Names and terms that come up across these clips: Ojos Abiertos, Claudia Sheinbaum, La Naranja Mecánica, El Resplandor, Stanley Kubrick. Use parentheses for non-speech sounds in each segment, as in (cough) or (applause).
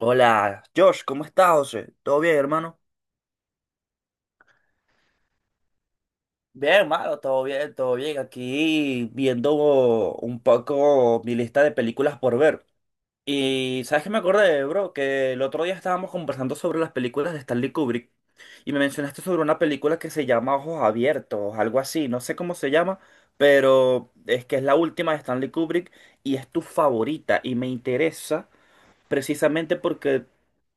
Hola, Josh, ¿cómo estás, José? ¿Todo bien, hermano? Bien, hermano, todo bien, todo bien. Aquí viendo un poco mi lista de películas por ver. Y ¿sabes qué me acordé, bro? Que el otro día estábamos conversando sobre las películas de Stanley Kubrick y me mencionaste sobre una película que se llama Ojos Abiertos, algo así, no sé cómo se llama, pero es que es la última de Stanley Kubrick y es tu favorita y me interesa precisamente porque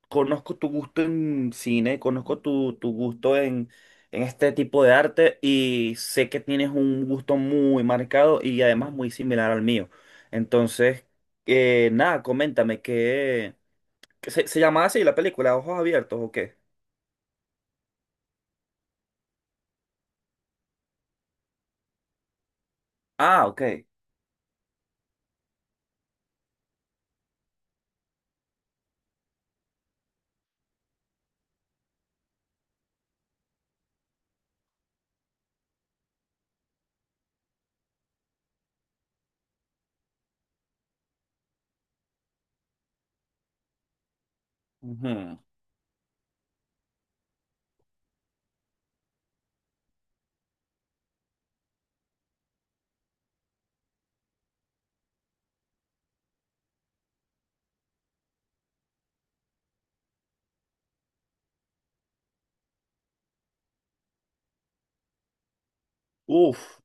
conozco tu gusto en cine, conozco tu gusto en este tipo de arte y sé que tienes un gusto muy marcado y además muy similar al mío. Entonces, nada, coméntame, ¿qué, qué se, se llamaba así la película? ¿Ojos abiertos o qué? Ah, ok. Ujú. Uf,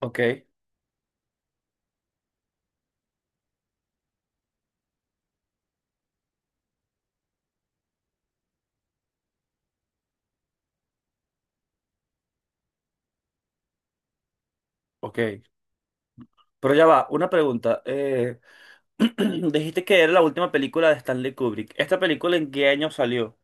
ok, ok. Pero ya va, una pregunta. (clears throat) Dijiste que era la última película de Stanley Kubrick. ¿Esta película en qué año salió?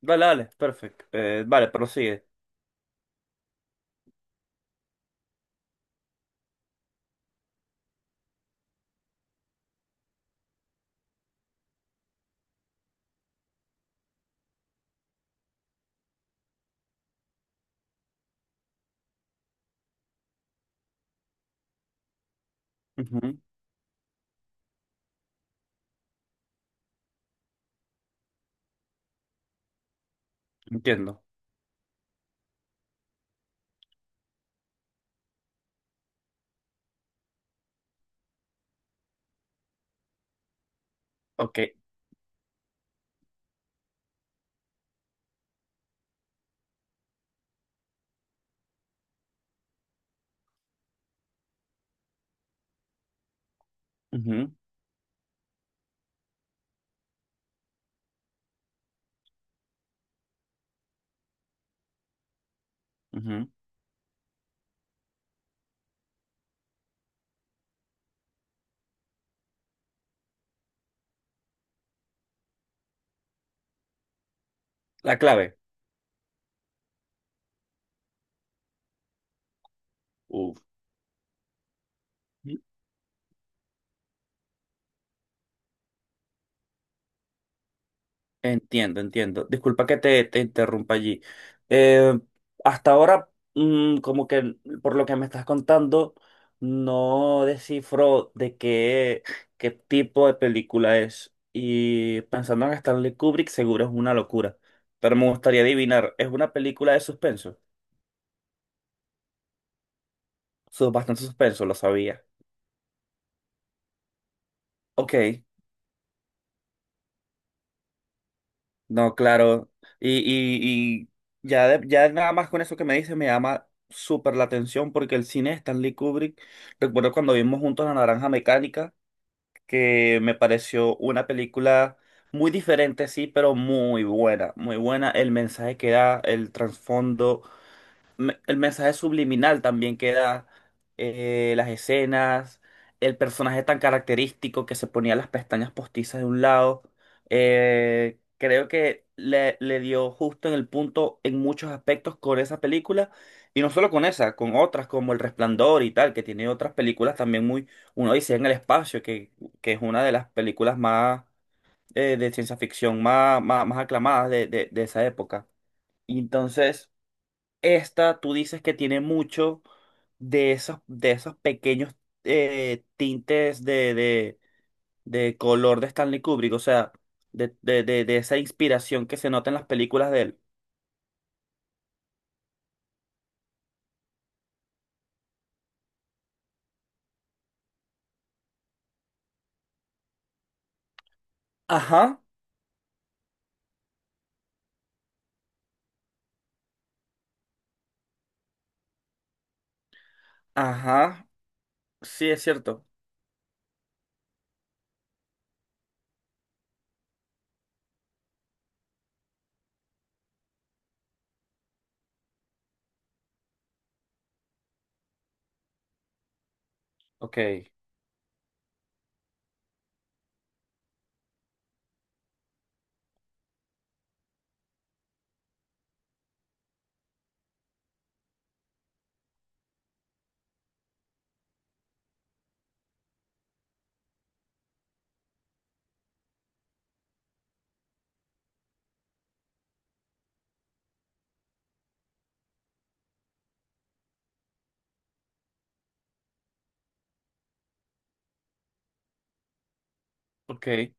Dale, dale, perfecto. Vale, prosigue. Ujú. Entiendo. Ok. Ujú, ujú. La clave. Uf. Entiendo, entiendo. Disculpa que te interrumpa allí. Eh, hasta ahora, mm, como que por lo que me estás contando, no descifro de qué, qué tipo de película es. Y pensando en Stanley Kubrick, seguro es una locura. Pero me gustaría adivinar, ¿es una película de suspenso? Su- bastante suspenso, lo sabía. Ok. No, claro. Y, y, y ya, de- ya nada más con eso que me dice me llama súper la atención porque el cine de Stanley Kubrick, recuerdo cuando vimos juntos La Naranja Mecánica, que me pareció una película muy diferente, sí, pero muy buena, muy buena. El mensaje que da, el trasfondo me- el mensaje subliminal también que da, las escenas, el personaje tan característico que se ponía las pestañas postizas de un lado. Creo que le dio justo en el punto en muchos aspectos con esa película. Y no solo con esa, con otras como El Resplandor y tal, que tiene otras películas también muy, uno dice en el espacio, que es una de las películas más de ciencia ficción más, más, más aclamadas de, de esa época. Y entonces, esta, tú dices que tiene mucho de esos pequeños tintes de color de Stanley Kubrick, o sea, de esa inspiración que se nota en las películas de él. Ajá, ajá, sí es cierto. Ok, ok.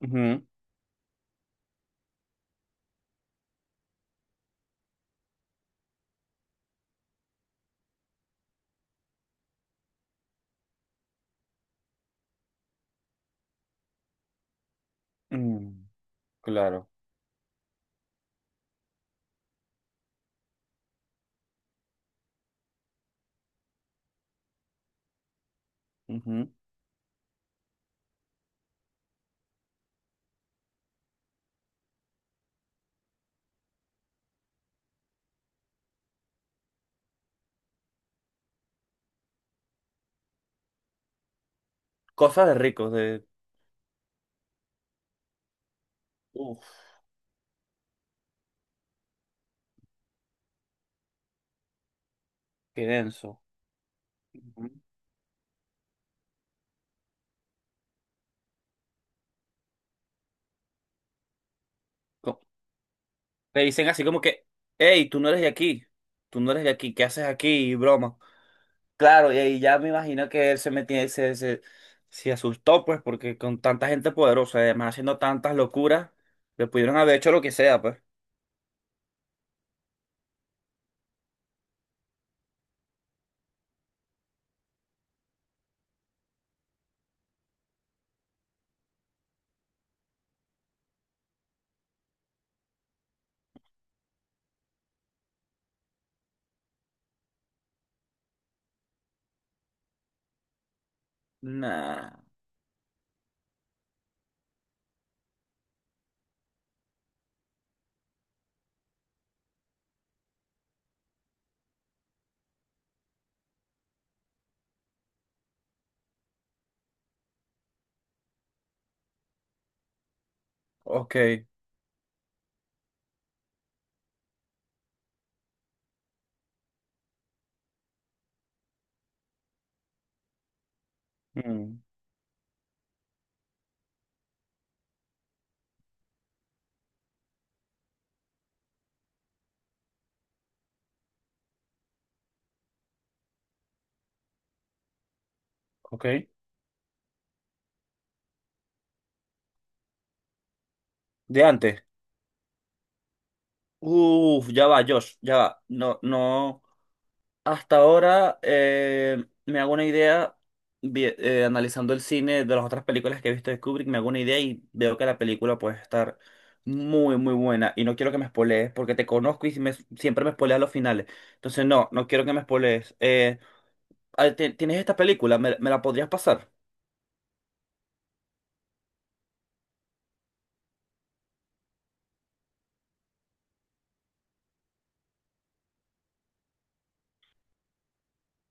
Ujú, mm, claro. Ujú. Cosas de ricos, de... Uf, qué denso. Ujú. Co- le dicen así como que, hey, tú no eres de aquí, tú no eres de aquí, ¿qué haces aquí? Y broma. Claro, y ahí ya me imagino que él se metía, se asustó, pues, porque con tanta gente poderosa, además haciendo tantas locuras, le pudieron haber hecho lo que sea, pues. Nah, ok. Mm, ok. De antes. Uf, ya va, Josh, ya va. No, no. Hasta ahora me hago una idea, vi- analizando el cine de las otras películas que he visto de Kubrick, me hago una idea y veo que la película puede estar muy, muy buena. Y no quiero que me spoilees porque te conozco y si me- siempre me spoileas los finales. Entonces, no, no quiero que me spoilees. Ah, ti- ¿tienes esta película? ¿Me, me la podrías pasar?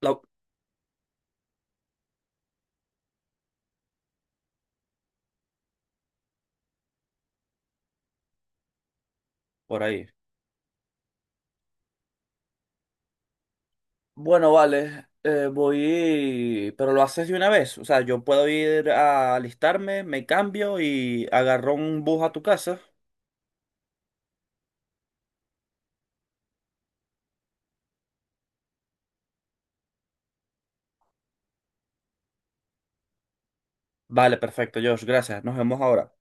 La- por ahí. Bueno, vale, voy, pero lo haces de una vez. O sea, yo puedo ir a alistarme, me cambio y agarro un bus a tu casa. Vale, perfecto, Josh, gracias. Nos vemos ahora.